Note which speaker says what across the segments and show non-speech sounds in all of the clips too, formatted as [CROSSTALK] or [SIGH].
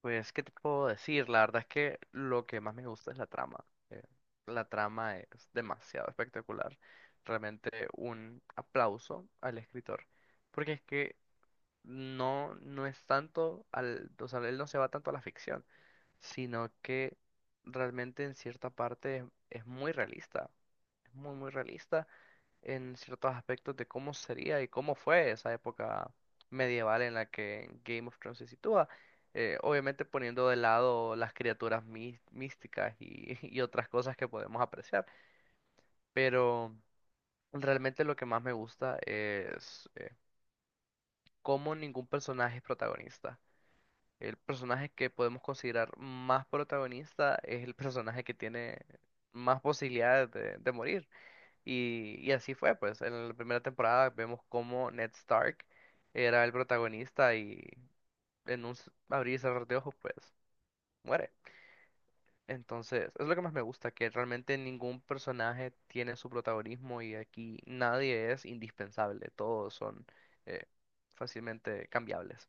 Speaker 1: Pues, ¿qué te puedo decir? La verdad es que lo que más me gusta es la trama. eh, la trama es demasiado espectacular. Realmente un aplauso al escritor. Porque es que no, no es tanto al, o sea, él no se va tanto a la ficción, sino que realmente en cierta parte es muy realista. Es muy, muy realista en ciertos aspectos de cómo sería y cómo fue esa época medieval en la que Game of Thrones se sitúa. Obviamente poniendo de lado las criaturas místicas y, [LAUGHS] y otras cosas que podemos apreciar. Pero realmente lo que más me gusta es cómo ningún personaje es protagonista. El personaje que podemos considerar más protagonista es el personaje que tiene más posibilidades de morir. Y así fue, pues, en la primera temporada vemos cómo Ned Stark era el protagonista y en un abrir y cerrar de ojos, pues, muere. Entonces, es lo que más me gusta, que realmente ningún personaje tiene su protagonismo y aquí nadie es indispensable, todos son eh, fácilmente cambiables.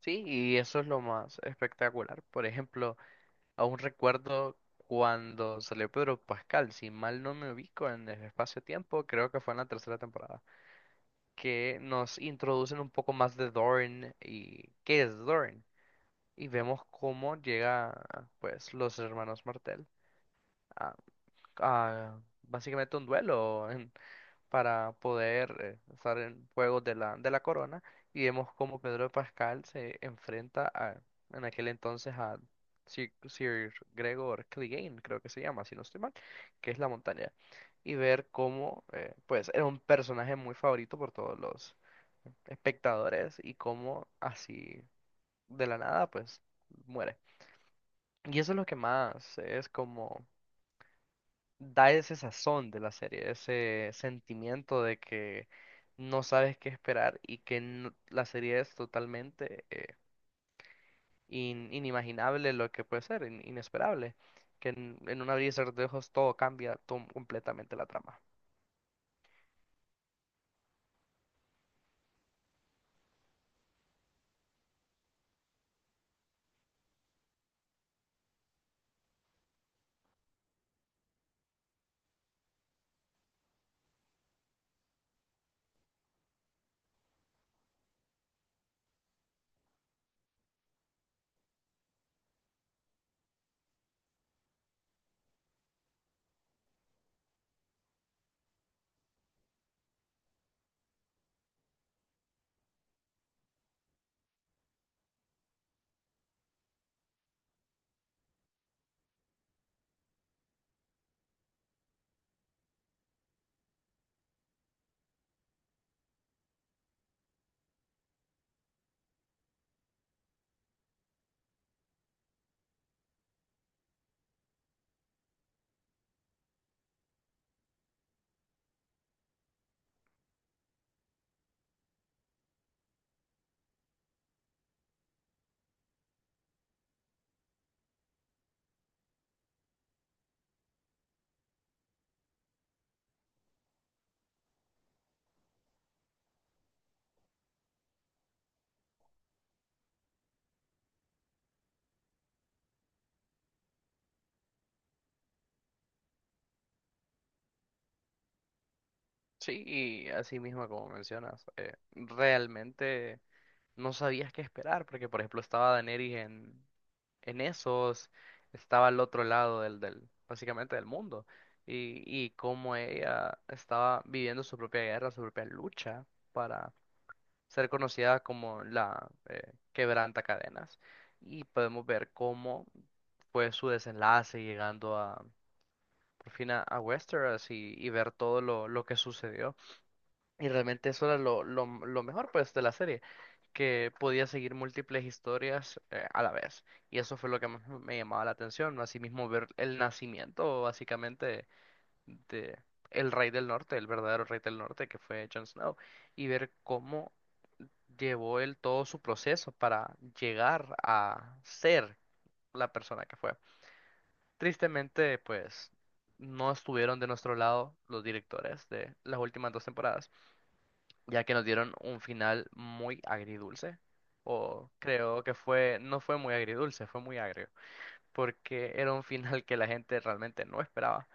Speaker 1: Sí, y eso es lo más espectacular. Por ejemplo, aún recuerdo cuando salió Pedro Pascal, si mal no me ubico en el espacio-tiempo, creo que fue en la tercera temporada, que nos introducen un poco más de Doran y qué es Doran. Y vemos cómo llega, pues, los hermanos Martell a, a básicamente un duelo para poder estar en juegos de la corona. Y vemos cómo Pedro de Pascal se enfrenta a, en aquel entonces a Sir Gregor Clegane, creo que se llama, si no estoy mal, que es la montaña. Y ver cómo, pues, era un personaje muy favorito por todos los espectadores y cómo así de la nada pues muere. Y eso es lo que más es como da ese sazón de la serie, ese sentimiento de que no sabes qué esperar y que la serie es totalmente inimaginable lo que puede ser, inesperable, que en un abrir y cerrar de ojos todo cambia completamente la trama. Sí, y así mismo como mencionas, realmente no sabías qué esperar, porque por ejemplo estaba Daenerys en, en esos, estaba al otro lado del, del, básicamente del mundo, y cómo ella estaba viviendo su propia guerra, su propia lucha para ser conocida como la quebranta cadenas, y podemos ver cómo fue su desenlace llegando a, por fin a Westeros y ver todo lo que sucedió. Y realmente eso era lo mejor pues de la serie, que podía seguir múltiples historias a la vez. Y eso fue lo que más me llamaba la atención, ¿no? Asimismo ver el nacimiento básicamente de el rey del norte, el verdadero rey del norte que fue Jon Snow, y ver cómo llevó él todo su proceso para llegar a ser la persona que fue. Tristemente, pues no estuvieron de nuestro lado los directores de las últimas dos temporadas ya que nos dieron un final muy agridulce. O creo que fue, no fue muy agridulce, fue muy agrio, porque era un final que la gente realmente no esperaba.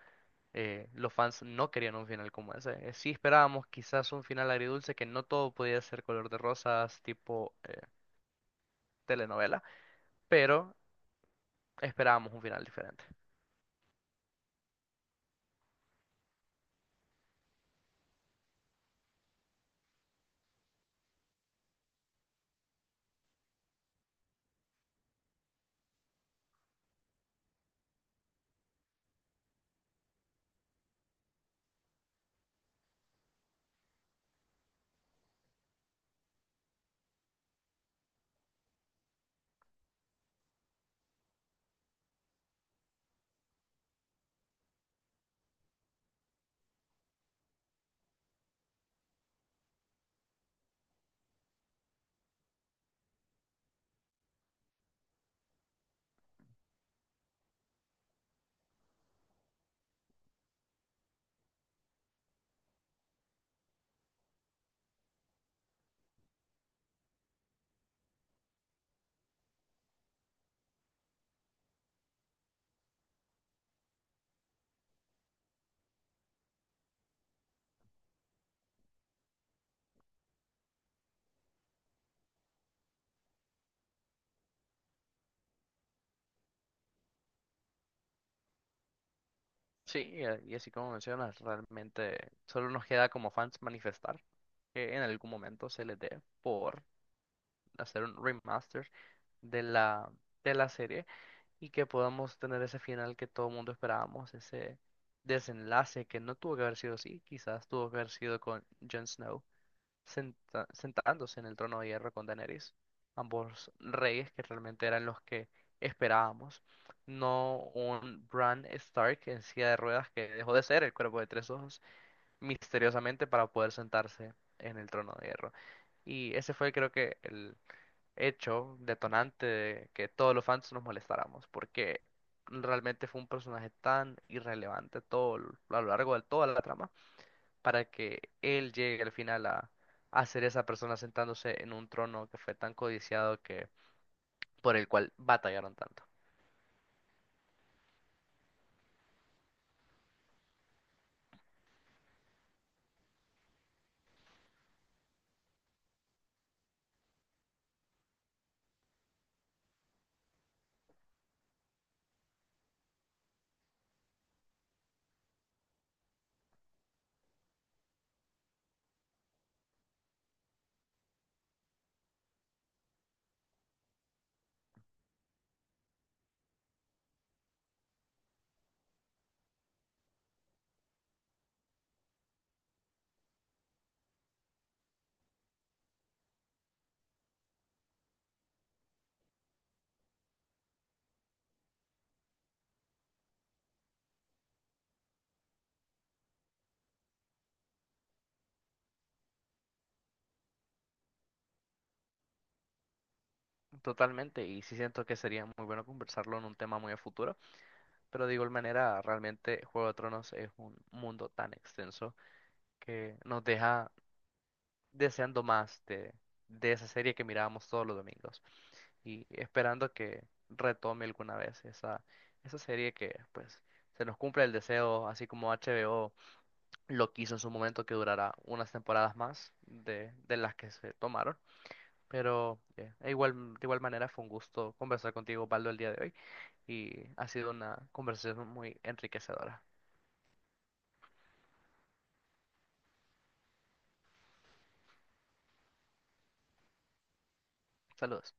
Speaker 1: Los fans no querían un final como ese. Sí esperábamos quizás un final agridulce, que no todo podía ser color de rosas, tipo telenovela, pero esperábamos un final diferente. Sí, y así como mencionas, realmente solo nos queda como fans manifestar que en algún momento se les dé por hacer un remaster de la, de la serie y que podamos tener ese final que todo el mundo esperábamos, ese desenlace que no tuvo que haber sido así, quizás tuvo que haber sido con Jon Snow sentándose en el trono de hierro con Daenerys, ambos reyes que realmente eran los que esperábamos, no un Bran Stark en silla de ruedas que dejó de ser el cuerpo de tres ojos misteriosamente para poder sentarse en el trono de hierro. Y ese fue creo que el hecho detonante de que todos los fans nos molestáramos, porque realmente fue un personaje tan irrelevante todo a lo largo de toda la trama, para que él llegue al final a ser esa persona sentándose en un trono que fue tan codiciado que por el cual batallaron tanto. Totalmente, y sí siento que sería muy bueno conversarlo en un tema muy a futuro, pero de igual manera, realmente Juego de Tronos es un mundo tan extenso que nos deja deseando más de esa serie que mirábamos todos los domingos y esperando que retome alguna vez esa, esa serie que pues se nos cumpla el deseo, así como HBO lo quiso en su momento que durará unas temporadas más de las que se tomaron. Pero e igual, de igual manera fue un gusto conversar contigo, Baldo, el día de hoy y ha sido una conversación muy enriquecedora. Saludos.